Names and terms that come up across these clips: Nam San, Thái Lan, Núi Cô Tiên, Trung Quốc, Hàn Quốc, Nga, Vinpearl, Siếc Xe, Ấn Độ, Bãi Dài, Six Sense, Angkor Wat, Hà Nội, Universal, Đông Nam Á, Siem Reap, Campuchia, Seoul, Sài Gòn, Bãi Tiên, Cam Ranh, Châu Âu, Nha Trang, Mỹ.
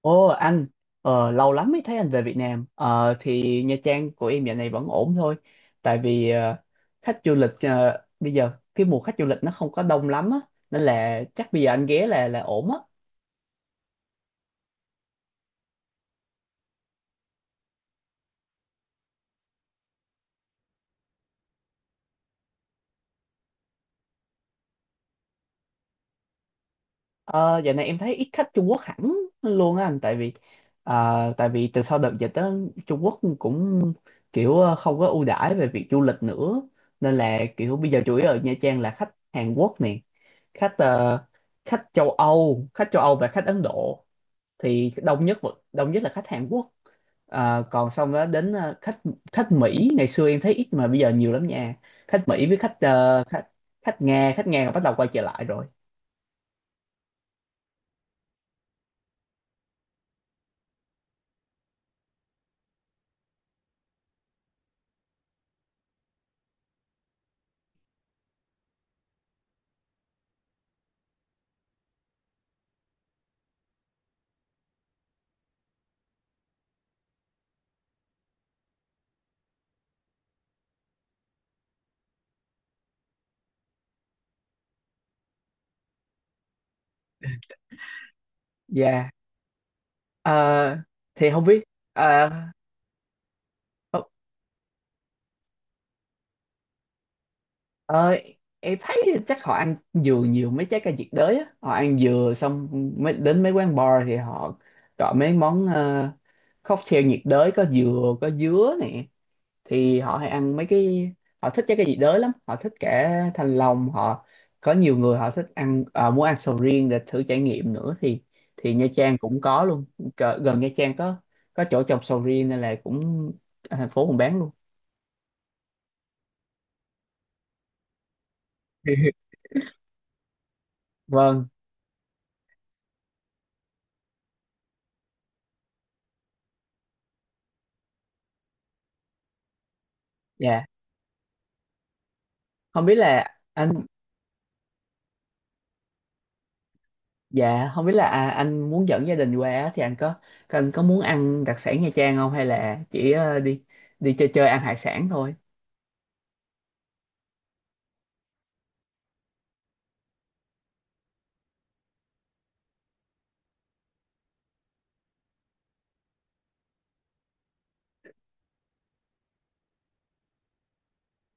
Ồ anh, lâu lắm mới thấy anh về Việt Nam. Ờ, thì Nha Trang của em dạo này vẫn ổn thôi. Tại vì khách du lịch, bây giờ cái mùa khách du lịch nó không có đông lắm á, nên là chắc bây giờ anh ghé là ổn á. Ờ, Dạo này em thấy ít khách Trung Quốc hẳn luôn á anh, tại vì từ sau đợt dịch đó Trung Quốc cũng kiểu không có ưu đãi về việc du lịch nữa, nên là kiểu bây giờ chủ yếu ở Nha Trang là khách Hàn Quốc nè, khách ờ, khách châu Âu và khách Ấn Độ thì đông nhất là khách Hàn Quốc. Còn xong đó đến ờ, khách khách Mỹ ngày xưa em thấy ít mà bây giờ nhiều lắm nha. Khách Mỹ với khách ờ, khách khách Nga bắt đầu quay trở lại rồi. Dạ. Ờ, thì không biết. ờ, ờ, ờ, em thấy chắc họ ăn dừa nhiều, mấy trái cây nhiệt đới á họ ăn dừa xong mới đến mấy quán bar thì họ chọn mấy món cocktail nhiệt đới có dừa có dứa nè, thì họ hay ăn mấy cái, họ thích cái gì đới lắm, họ thích cả thanh long. Họ có nhiều người họ thích ăn, muốn ăn sầu riêng để thử trải nghiệm nữa thì Nha Trang cũng có luôn. Gần Nha Trang có chỗ trồng sầu riêng nên là cũng ở thành phố cũng bán luôn. Vâng. dạ không biết là anh dạ không biết là, anh muốn dẫn gia đình qua á, thì anh có muốn ăn đặc sản Nha Trang không, hay là chỉ đi đi chơi chơi ăn hải sản thôi?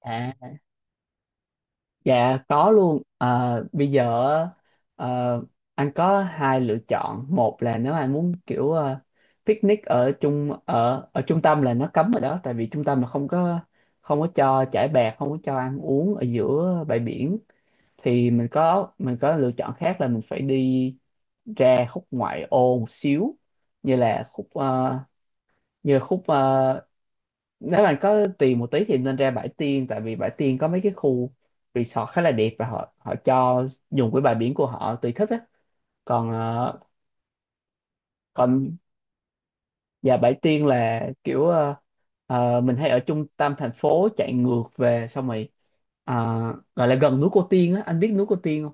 à Dạ có luôn. Ờ, Bây giờ ờ, anh có hai lựa chọn. Một là nếu anh muốn kiểu picnic ở trung ở ở trung tâm là nó cấm rồi đó, tại vì trung tâm là không có cho trải bạt, không có cho ăn uống ở giữa bãi biển. Thì mình có lựa chọn khác là mình phải đi ra khúc ngoại ô một xíu, như là khúc ờ, như là khúc ờ, nếu bạn có tiền một tí thì nên ra Bãi Tiên, tại vì Bãi Tiên có mấy cái khu resort khá là đẹp và họ họ cho dùng cái bãi biển của họ tùy thích á. Còn ờ, còn và Bãi Tiên là kiểu, mình hay ở trung tâm thành phố chạy ngược về, xong rồi ờ, gọi là gần núi Cô Tiên á, anh biết núi Cô Tiên không?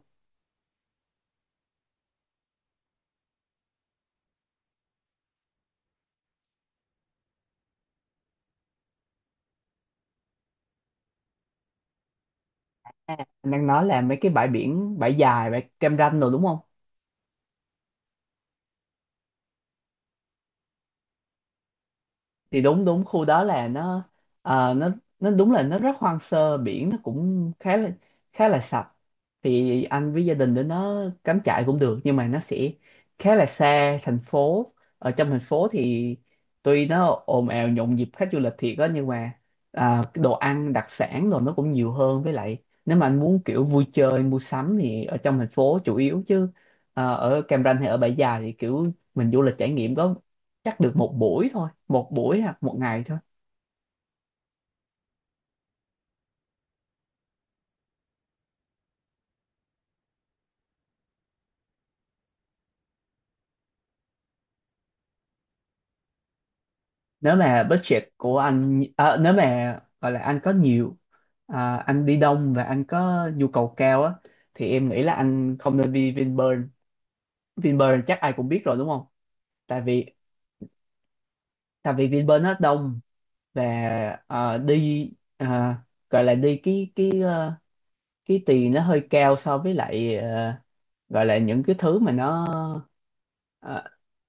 À, anh đang nói là mấy cái bãi biển, Bãi Dài, bãi Cam Ranh rồi đúng không. Thì đúng đúng khu đó là nó, ờ, nó nó đúng là nó rất hoang sơ, biển nó cũng khá là sạch, thì anh với gia đình đến nó cắm trại cũng được nhưng mà nó sẽ khá là xa thành phố. Ở trong thành phố thì tuy nó ồn ào nhộn nhịp khách du lịch thiệt á, nhưng mà cái đồ ăn đặc sản rồi nó cũng nhiều hơn, với lại nếu mà anh muốn kiểu vui chơi mua sắm thì ở trong thành phố chủ yếu, chứ ở Cam Ranh hay ở Bãi Dài thì kiểu mình du lịch trải nghiệm có chắc được một buổi thôi, một buổi hoặc một ngày thôi. Nếu mà budget của anh, nếu mà gọi là anh có nhiều, anh đi đông và anh có nhu cầu cao á, thì em nghĩ là anh không nên đi Vinpearl. Vinpearl chắc ai cũng biết rồi đúng không. Tại vì tại vì Vinpearl nó đông, và à, đi à, gọi là đi cái tiền nó hơi cao so với lại gọi là những cái thứ mà nó, ờ,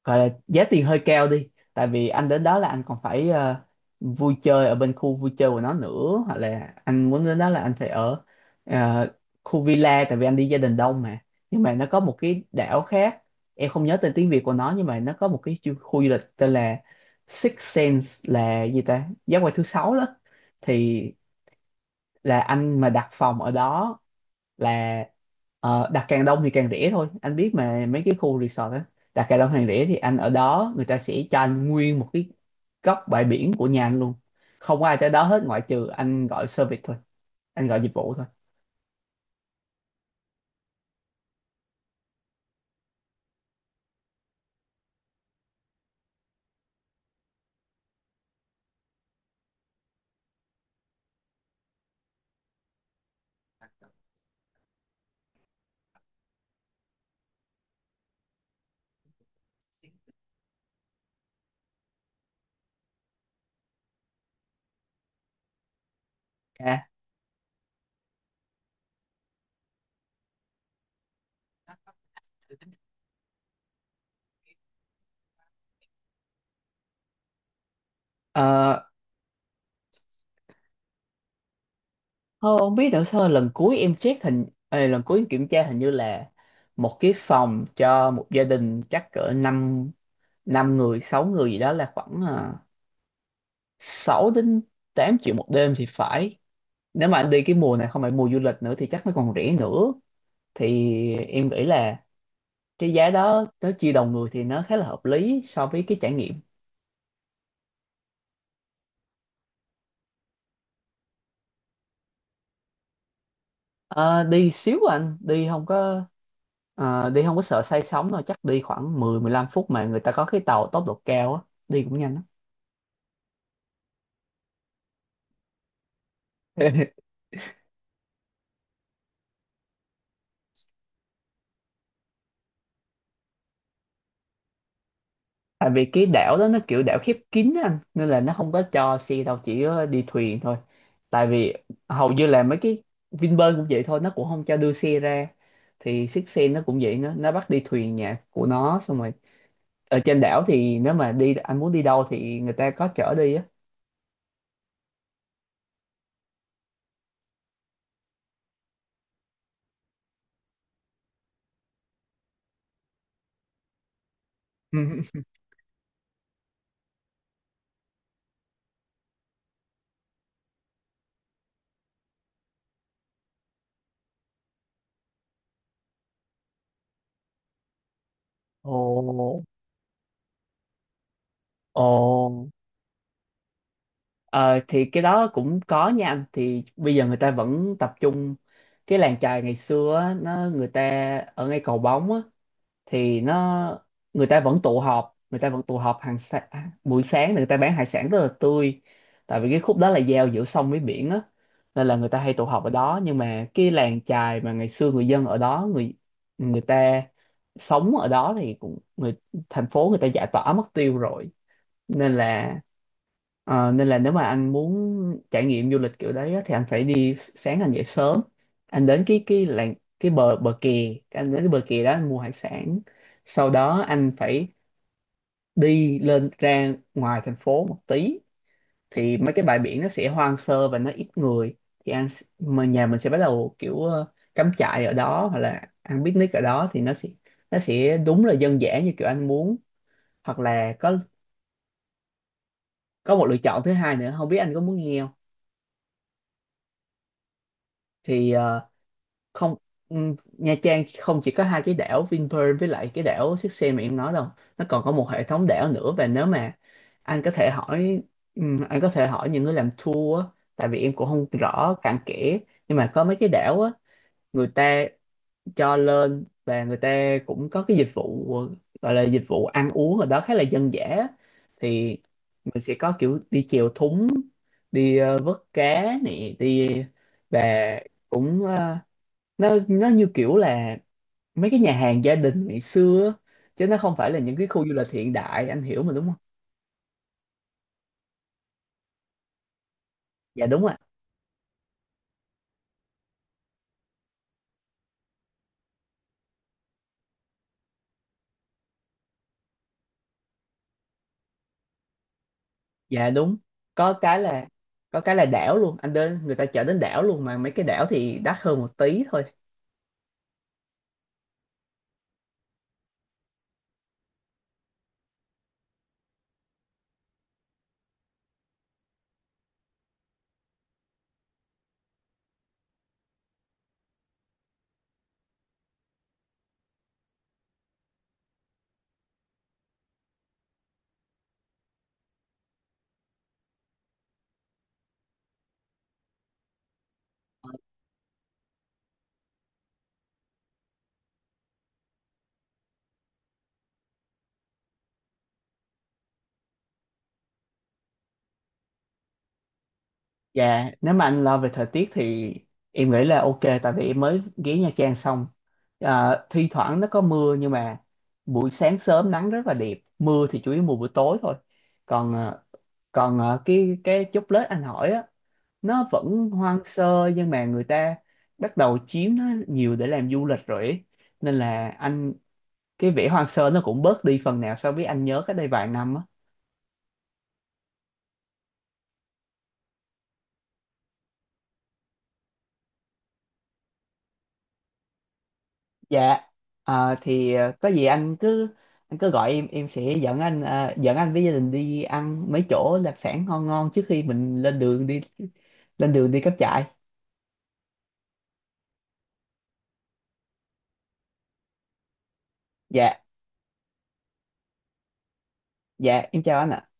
gọi là giá tiền hơi cao đi, tại vì anh đến đó là anh còn phải vui chơi ở bên khu vui chơi của nó nữa, hoặc là anh muốn đến đó là anh phải ở ờ, khu villa, tại vì anh đi gia đình đông mà. Nhưng mà nó có một cái đảo khác, em không nhớ tên tiếng Việt của nó nhưng mà nó có một cái khu du lịch tên là Six Sense, là gì ta, giác quan thứ sáu đó. Thì là anh mà đặt phòng ở đó là, đặt càng đông thì càng rẻ thôi, anh biết mà mấy cái khu resort á, đặt càng đông càng rẻ, thì anh ở đó người ta sẽ cho anh nguyên một cái góc bãi biển của nhà anh luôn, không có ai tới đó hết ngoại trừ anh gọi service thôi, anh gọi dịch vụ thôi. à, ờ, Thôi không biết nữa, sao lần cuối em check hình, lần cuối em kiểm tra hình như là một cái phòng cho một gia đình chắc cỡ năm năm người, sáu người gì đó là khoảng 6 đến 8 triệu một đêm thì phải. Nếu mà anh đi cái mùa này không phải mùa du lịch nữa thì chắc nó còn rẻ nữa, thì em nghĩ là cái giá đó nó chia đầu người thì nó khá là hợp lý so với cái trải nghiệm. Ờ, Đi xíu à anh, đi không có đi không có sợ say sóng đâu, chắc đi khoảng 10 15 phút, mà người ta có cái tàu tốc độ cao á, đi cũng nhanh lắm. Tại vì cái đảo đó nó kiểu đảo khép kín á anh, nên là nó không có cho xe đâu, chỉ có đi thuyền thôi. Tại vì hầu như là mấy cái Vinpearl cũng vậy thôi, nó cũng không cho đưa xe ra, thì chiếc xe nó cũng vậy, nó bắt đi thuyền nhà của nó, xong rồi ở trên đảo thì nếu mà đi anh muốn đi đâu thì người ta có chở đi á. Ồ, ồ, ờ, Thì cái đó cũng có nha anh, thì bây giờ người ta vẫn tập trung cái làng chài ngày xưa á, nó người ta ở ngay cầu bóng á, thì nó người ta vẫn tụ họp người ta vẫn tụ họp buổi sáng, người ta bán hải sản rất là tươi, tại vì cái khúc đó là giao giữa sông với biển á, nên là người ta hay tụ họp ở đó. Nhưng mà cái làng chài mà ngày xưa người dân ở đó, người người ta sống ở đó thì cũng người thành phố người ta giải tỏa mất tiêu rồi, nên là nên là nếu mà anh muốn trải nghiệm du lịch kiểu đấy á, thì anh phải đi sáng anh dậy sớm, anh đến cái làng, cái bờ bờ kè, anh đến cái bờ kè đó anh mua hải sản, sau đó anh phải đi lên ra ngoài thành phố một tí, thì mấy cái bãi biển nó sẽ hoang sơ và nó ít người, thì mà nhà mình sẽ bắt đầu kiểu cắm trại ở đó hoặc là ăn picnic ở đó, thì nó sẽ đúng là dân dã như kiểu anh muốn. Hoặc là có một lựa chọn thứ hai nữa, không biết anh có muốn nghe không. Thì không, Nha Trang không chỉ có hai cái đảo Vinpearl với lại cái đảo Siếc Xe mà em nói đâu, nó còn có một hệ thống đảo nữa. Và nếu mà anh có thể hỏi anh có thể hỏi những người làm tour á, tại vì em cũng không rõ cặn kẽ, nhưng mà có mấy cái đảo á người ta cho lên và người ta cũng có cái dịch vụ, gọi là dịch vụ ăn uống ở đó khá là dân dã á. Thì mình sẽ có kiểu đi chèo thúng, đi vớt cá nè, đi và cũng nó như kiểu là mấy cái nhà hàng gia đình ngày xưa á, chứ nó không phải là những cái khu du lịch hiện đại, anh hiểu mà đúng không. Dạ đúng ạ. Dạ đúng. Có cái là có cái là đảo luôn, anh đến người ta chở đến đảo luôn, mà mấy cái đảo thì đắt hơn một tí thôi. Dạ. Nếu mà anh lo về thời tiết thì em nghĩ là ok, tại vì em mới ghé Nha Trang xong, thi thoảng nó có mưa nhưng mà buổi sáng sớm nắng rất là đẹp, mưa thì chủ yếu mùa buổi tối thôi. còn à, cái chốc lết anh hỏi á, nó vẫn hoang sơ nhưng mà người ta bắt đầu chiếm nó nhiều để làm du lịch rồi ấy. Nên là anh, cái vẻ hoang sơ nó cũng bớt đi phần nào so với anh nhớ cách đây vài năm á. Dạ. Thì có gì anh cứ gọi em sẽ dẫn anh với gia đình đi ăn mấy chỗ đặc sản ngon ngon trước khi mình lên đường đi cắm trại. Dạ. Dạ em chào anh ạ.